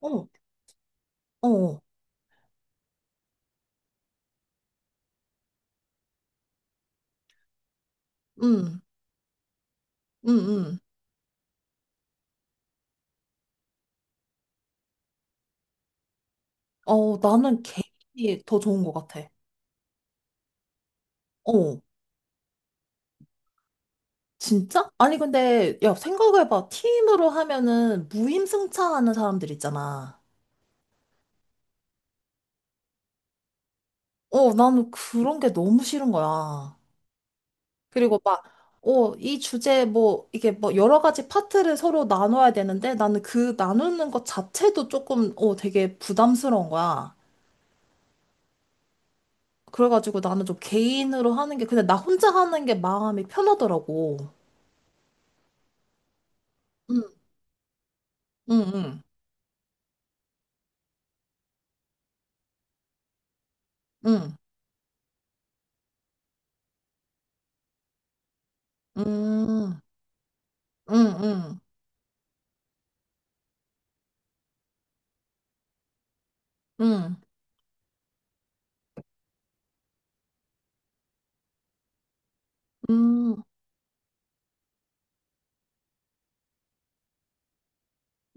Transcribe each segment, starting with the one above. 어, 어, 음, 음, 음. 어, 나는 개인이 더 좋은 것 같아. 어, 진짜? 아니, 근데, 야, 생각해봐. 팀으로 하면은 무임승차하는 사람들 있잖아. 어, 나는 그런 게 너무 싫은 거야. 그리고 막, 어, 이 주제 뭐, 이게 뭐 여러 가지 파트를 서로 나눠야 되는데 나는 그 나누는 것 자체도 조금, 어, 되게 부담스러운 거야. 그래가지고 나는 좀 개인으로 하는 게, 근데 나 혼자 하는 게 마음이 편하더라고. 응. 응, 응, 응, 응, 응, 응, 응, 응,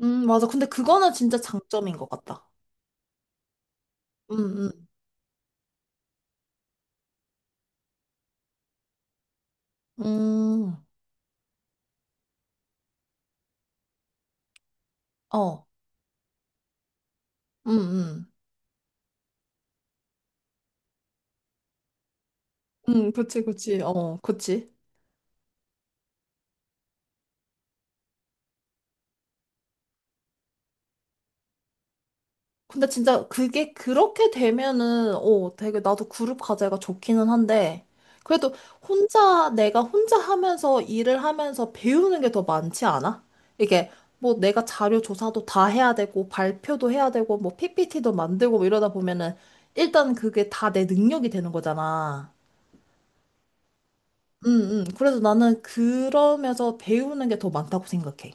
응. 맞아. 근데 그거는 진짜 장점인 것 같다. 응, 응, 응, 어, 응, 응, 응, 그치, 그치, 어, 그치. 근데 진짜 그게 그렇게 되면은, 어, 되게 나도 그룹 과제가 좋기는 한데, 그래도 혼자, 내가 혼자 하면서 일을 하면서 배우는 게 더 많지 않아? 이게 뭐 내가 자료 조사도 다 해야 되고, 발표도 해야 되고, 뭐 PPT도 만들고 뭐 이러다 보면은, 일단 그게 다 내 능력이 되는 거잖아. 응, 응. 그래서 나는 그러면서 배우는 게 더 많다고 생각해.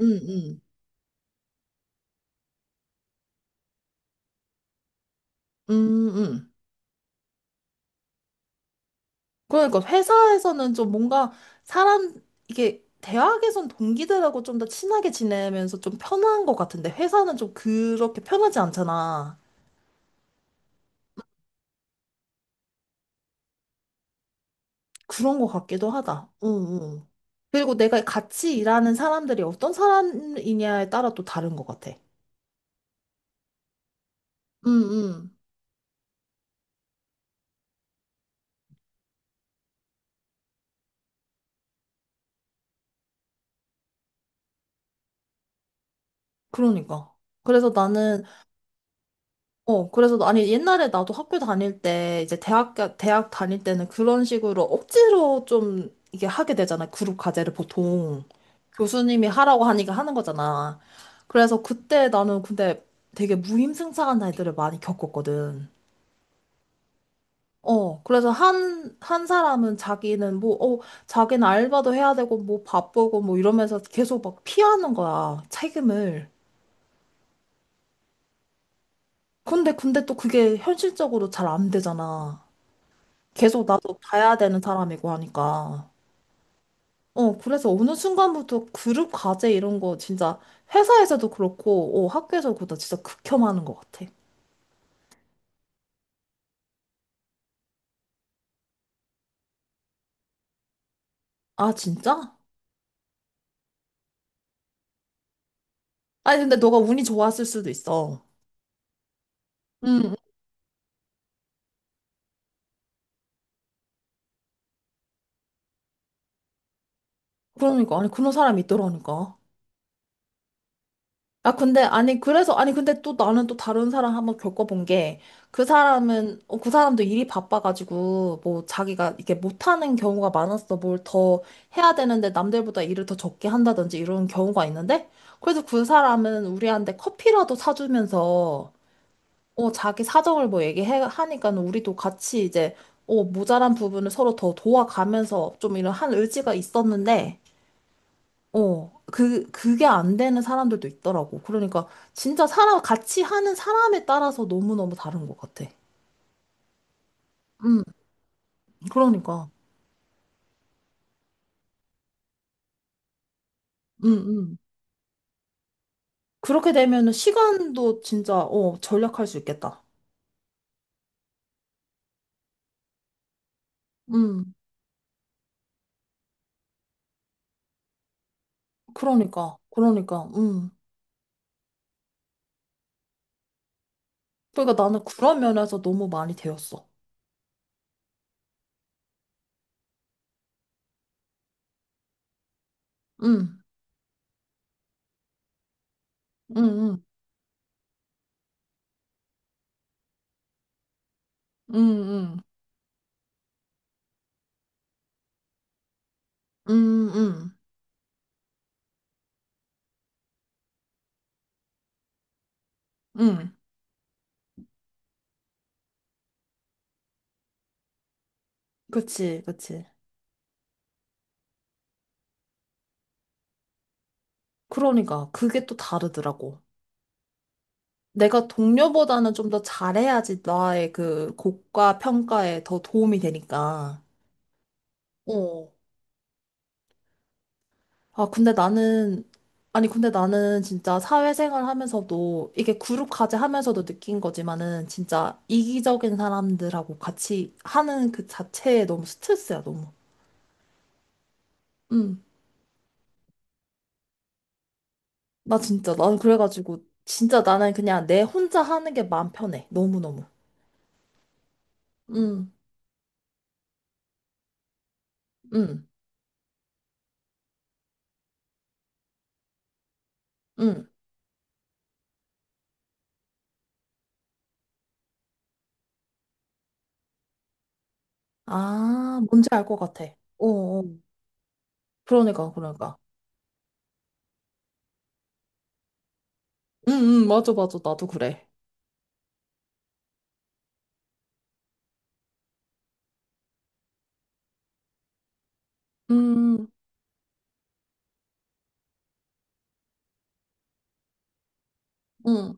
응, 응. 응, 응. 그러니까 회사에서는 좀 뭔가 사람 이게 대학에선 동기들하고 좀 더 친하게 지내면서 좀 편한 것 같은데 회사는 좀 그렇게 편하지 않잖아. 그런 것 같기도 하다. 응, 응. 그리고 내가 같이 일하는 사람들이 어떤 사람이냐에 따라 또 다른 것 같아. 응, 응. 그러니까. 그래서 나는 어, 그래서 아니 옛날에 나도 학교 다닐 때 이제 대학 다닐 때는 그런 식으로 억지로 좀 이게 하게 되잖아. 그룹 과제를 보통 교수님이 하라고 하니까 하는 거잖아. 그래서 그때 나는 근데 되게 무임승차한 아이들을 많이 겪었거든. 어, 그래서 한 사람은 자기는 뭐, 어, 자기는 알바도 해야 되고, 뭐 바쁘고, 뭐 이러면서 계속 막 피하는 거야, 책임을. 근데 또 그게 현실적으로 잘 안 되잖아. 계속 나도 봐야 되는 사람이고 하니까. 어, 그래서 어느 순간부터 그룹 과제 이런 거 진짜 회사에서도 그렇고, 어, 학교에서도 그렇다. 진짜 극혐하는 것 같아. 아, 진짜? 아니, 근데 너가 운이 좋았을 수도 있어. 응, 응. 그러니까. 아니, 그런 사람이 있더라니까. 아, 근데, 아니, 그래서, 아니, 근데 또 나는 또 다른 사람 한번 겪어본 게, 그 사람은, 어, 그 사람도 일이 바빠가지고, 뭐, 자기가 이게 못하는 경우가 많았어. 뭘 더 해야 되는데, 남들보다 일을 더 적게 한다든지, 이런 경우가 있는데, 그래서 그 사람은 우리한테 커피라도 사주면서, 어, 자기 사정을 뭐 얘기해, 하니까 우리도 같이 이제, 어, 모자란 부분을 서로 더 도와가면서 좀 이런 한 의지가 있었는데, 어, 그게 안 되는 사람들도 있더라고. 그러니까 진짜 사람, 같이 하는 사람에 따라서 너무너무 다른 것 같아. 음, 그러니까. 음, 음. 그렇게 되면은 시간도 진짜, 어, 절약할 수 있겠다. 음, 그러니까. 그러니까. 음. 그러니까 나는 그런 면에서 너무 많이 배웠어. 음, 음, 음, 음, 음, 음, 음. 음. 그치, 그치. 그러니까. 그게 또 다르더라고. 내가 동료보다는 좀 더 잘해야지 나의 그 곡과 평가에 더 도움이 되니까. 어, 아, 근데 나는, 아니, 근데 나는 진짜 사회생활 하면서도, 이게 그룹 과제 하면서도 느낀 거지만은, 진짜 이기적인 사람들하고 같이 하는 그 자체에 너무 스트레스야, 너무. 응. 나 진짜, 나는 그래가지고, 진짜 나는 그냥 내 혼자 하는 게 마음 편해. 너무너무. 응, 응, 응. 아, 뭔지 알 것 같아. 어, 어. 그러니까, 그러니까. 응, 응, 맞아, 맞아. 나도 그래. 음, 응,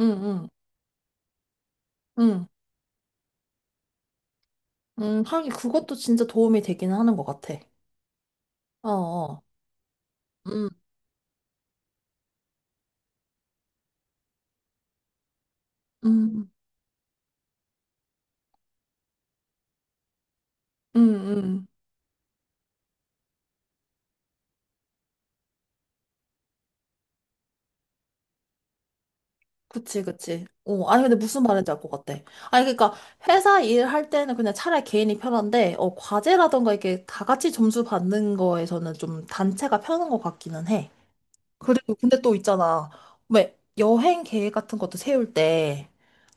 응, 응, 응. 하긴 그것도 진짜 도움이 되기는 하는 것 같아. 어, 어. 음, 음, 음, 음. 그치, 그치. 어, 아니, 근데 무슨 말인지 알 것 같아. 아니, 그러니까 회사 일 할 때는 그냥 차라리 개인이 편한데, 어, 과제라던가 이게 다 같이 점수 받는 거에서는 좀 단체가 편한 것 같기는 해. 그리고 근데 또 있잖아. 왜 여행 계획 같은 것도 세울 때,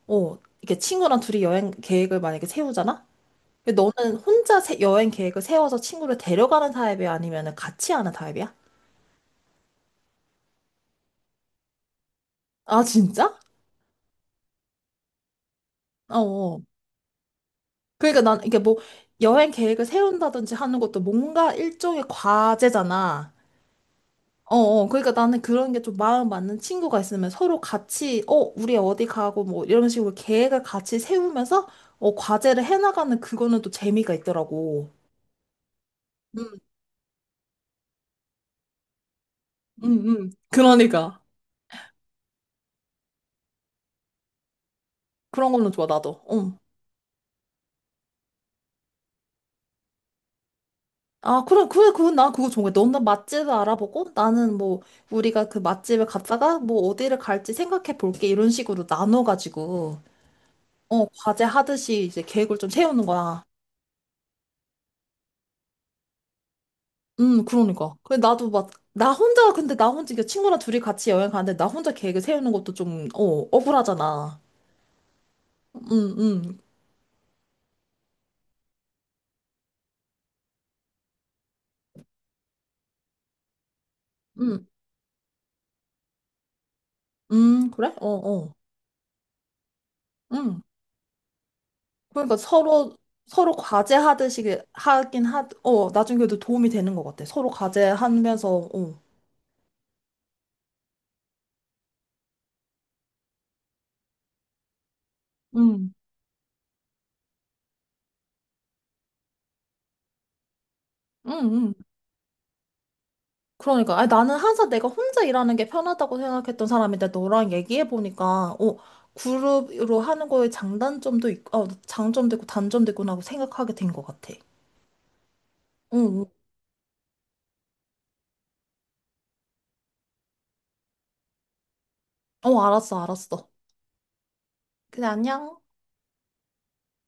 어, 이렇게 친구랑 둘이 여행 계획을 만약에 세우잖아? 근데 너는 혼자 여행 계획을 세워서 친구를 데려가는 타입이야? 아니면 같이 하는 타입이야? 아, 진짜? 어. 어. 그러니까 난 이게 뭐 여행 계획을 세운다든지 하는 것도 뭔가 일종의 과제잖아. 어, 어. 그러니까 나는 그런 게 좀 마음 맞는 친구가 있으면 서로 같이, 어, 우리 어디 가고 뭐 이런 식으로 계획을 같이 세우면서 어, 과제를 해나가는 그거는 또 재미가 있더라고. 음, 음, 그러니까. 그런 거는 좋아, 나도. 응. 아, 그래, 그래, 그건 나 그거 좋은 거야. 너는 맛집을 알아보고 나는 뭐 우리가 그 맛집을 갔다가 뭐 어디를 갈지 생각해 볼게. 이런 식으로 나눠가지고, 어, 과제 하듯이 이제 계획을 좀 세우는 거야. 그러니까. 그래, 나도 막, 나 혼자, 근데 나 혼자, 이게 친구랑 둘이 같이 여행 가는데 나 혼자 계획을 세우는 것도 좀, 어, 억울하잖아. 음, 음, 음, 그래? 어, 어. 음. 그러니까 서로, 서로 과제 하듯이 하긴 하, 어, 나중에도 도움이 되는 것 같아. 서로 과제 하면서, 어. 응 응 응 그러니까. 아니, 나는 항상 내가 혼자 일하는 게 편하다고 생각했던 사람인데, 너랑 얘기해보니까, 어, 그룹으로 하는 거에 장단점도 있고, 어, 장점도 있고, 단점도 있구나 하고 생각하게 된 것 같아. 응, 응. 어, 알았어, 알았어. 그래, 안녕.